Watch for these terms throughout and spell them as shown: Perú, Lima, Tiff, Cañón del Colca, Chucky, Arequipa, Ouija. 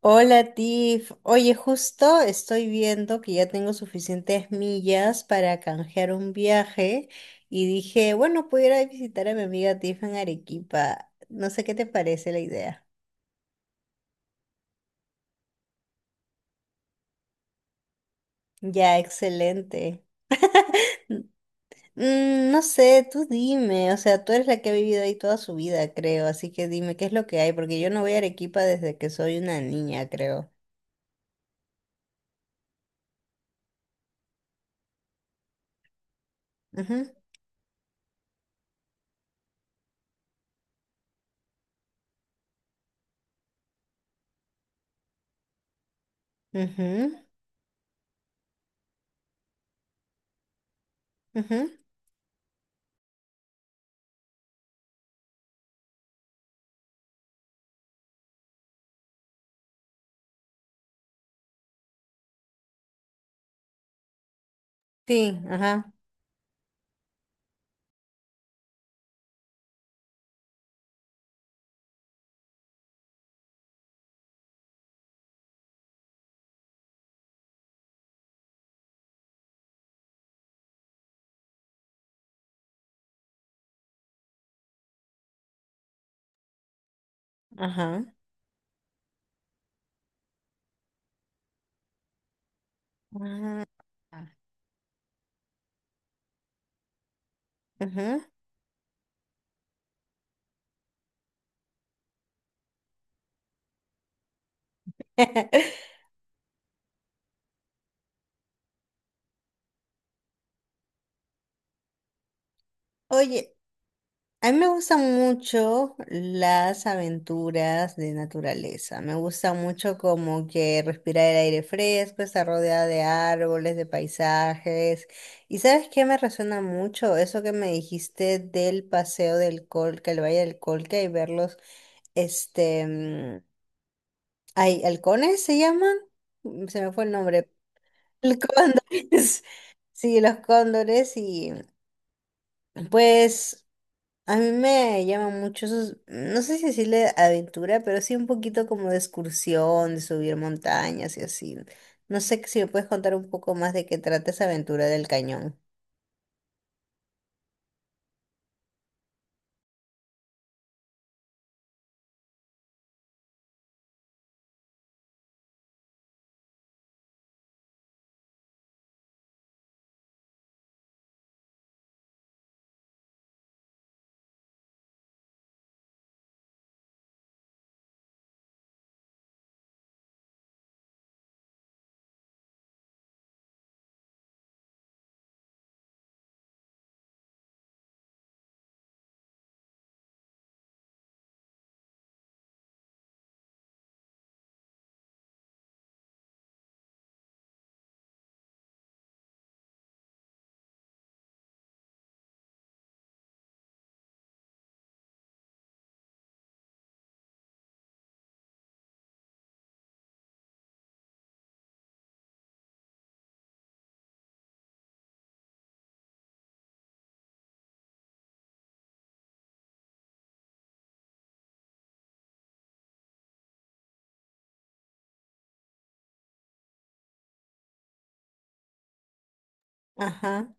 Hola Tiff, oye, justo estoy viendo que ya tengo suficientes millas para canjear un viaje y dije, bueno, pudiera visitar a mi amiga Tiff en Arequipa. No sé qué te parece la idea. Ya, excelente. No sé, tú dime, o sea, tú eres la que ha vivido ahí toda su vida, creo, así que dime qué es lo que hay, porque yo no voy a Arequipa desde que soy una niña, creo. Ujú, ujú, ujú. Sí, ajá, ajá. Ajá, ujú. Oye, a mí me gustan mucho las aventuras de naturaleza. Me gusta mucho como que respirar el aire fresco, estar rodeada de árboles, de paisajes. ¿Y sabes qué me resuena mucho? Eso que me dijiste del paseo del Colca, el Valle del Colca y ver los, este, mm, halcones se llaman. Se me fue el nombre. Los cóndores. Sí, los cóndores y pues. A mí me llaman mucho esos, no sé si decirle aventura, pero sí un poquito como de excursión, de subir montañas y así. No sé si me puedes contar un poco más de qué trata esa aventura del cañón. Ajá,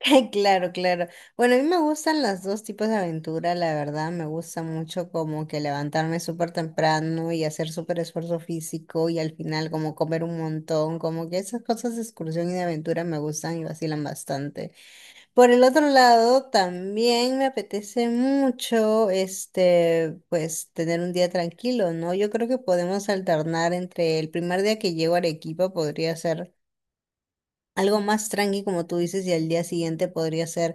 claro, claro. Bueno, a mí me gustan las dos tipos de aventura, la verdad. Me gusta mucho como que levantarme súper temprano y hacer súper esfuerzo físico y al final como comer un montón, como que esas cosas de excursión y de aventura me gustan y vacilan bastante. Por el otro lado, también me apetece mucho, pues, tener un día tranquilo, ¿no? Yo creo que podemos alternar entre el primer día que llego a Arequipa podría ser algo más tranqui, como tú dices, y al día siguiente podría ser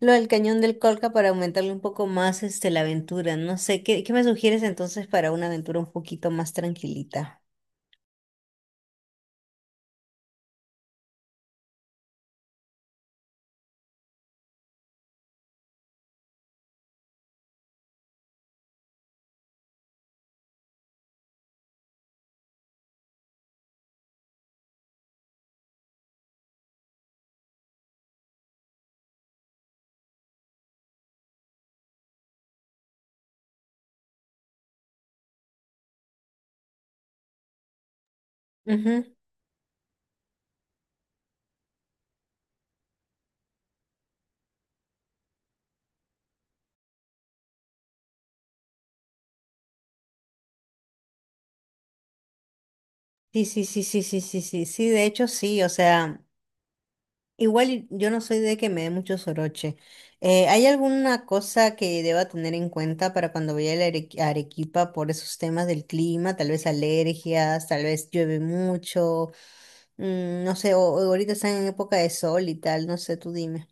lo del Cañón del Colca para aumentarle un poco más, la aventura. No sé, ¿qué me sugieres entonces para una aventura un poquito más tranquilita? Ujú. Sí, sí, sí, sí, sí, sí, sí, sí, de hecho sí, o sea. Igual yo no soy de que me dé mucho soroche. ¿Hay alguna cosa que deba tener en cuenta para cuando vaya a la a Arequipa por esos temas del clima? Tal vez alergias, tal vez llueve mucho, no sé, o ahorita están en época de sol y tal, no sé, tú dime.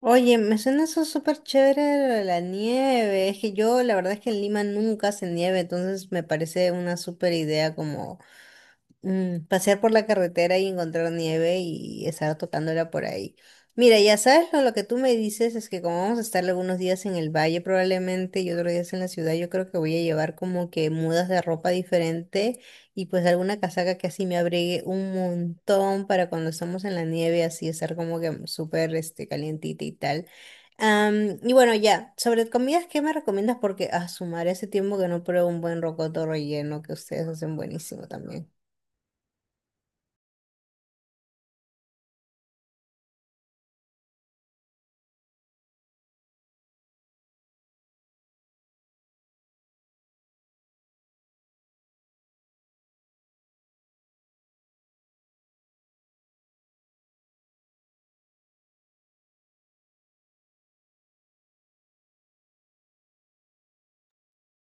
Oye, me suena eso súper chévere lo de la nieve. Es que yo la verdad es que en Lima nunca hace nieve, entonces me parece una súper idea como... pasear por la carretera y encontrar nieve y estar tocándola por ahí. Mira, ya sabes, lo que tú me dices es que como vamos a estar algunos días en el valle probablemente y otros días en la ciudad, yo creo que voy a llevar como que mudas de ropa diferente y pues alguna casaca que así me abrigue un montón para cuando estamos en la nieve, así estar como que súper calientita y tal. Y bueno, ya, sobre comidas, ¿qué me recomiendas? Porque a sumar ese tiempo que no pruebo un buen rocoto relleno que ustedes hacen buenísimo también.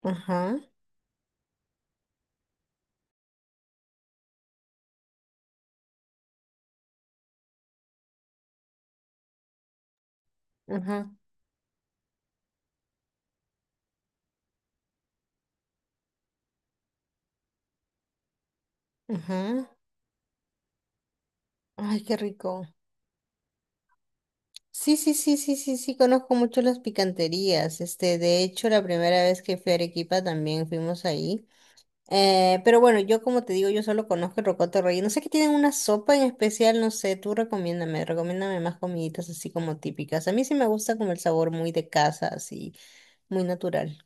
Ajá, ajá, ajá. Ay, qué rico. Sí, sí, sí, sí, sí, sí, conozco mucho las picanterías. De hecho, la primera vez que fui a Arequipa también fuimos ahí. Pero bueno, yo como te digo, yo solo conozco el rocoto relleno. No sé que tienen una sopa en especial, no sé, tú recomiéndame, recomiéndame más comiditas así como típicas. A mí sí me gusta como el sabor muy de casa, así, muy natural.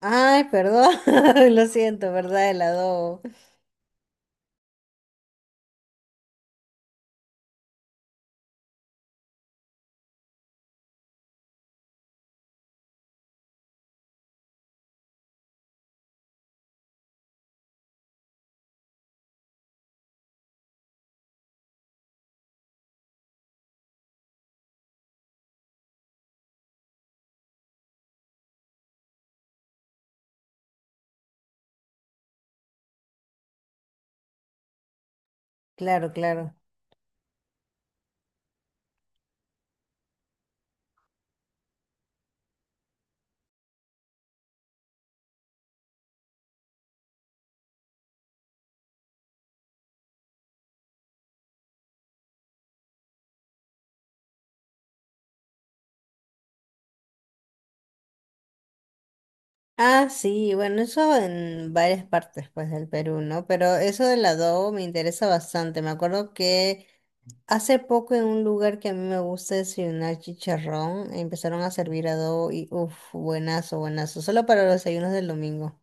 Ay, perdón, lo siento, ¿verdad? El adobo. Claro, claro. Ah, sí, bueno, eso en varias partes pues del Perú, ¿no? Pero eso del adobo me interesa bastante. Me acuerdo que hace poco en un lugar que a mí me gusta desayunar chicharrón, empezaron a servir adobo y uff, buenazo, buenazo, solo para los desayunos del domingo.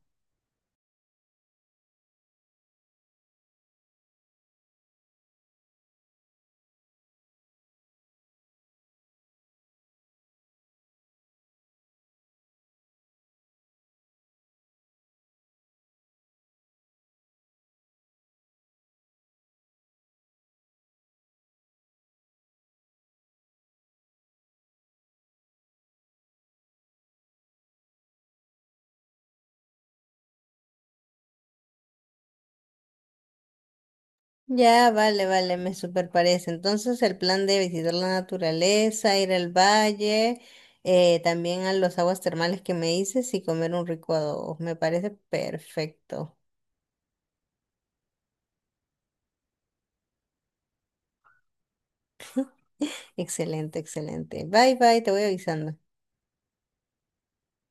Ya, vale, vale, me super parece. Entonces el plan de visitar la naturaleza, ir al valle, también a los aguas termales que me dices y comer un rico adobo, me parece perfecto. Excelente, excelente. Bye, bye, te voy avisando.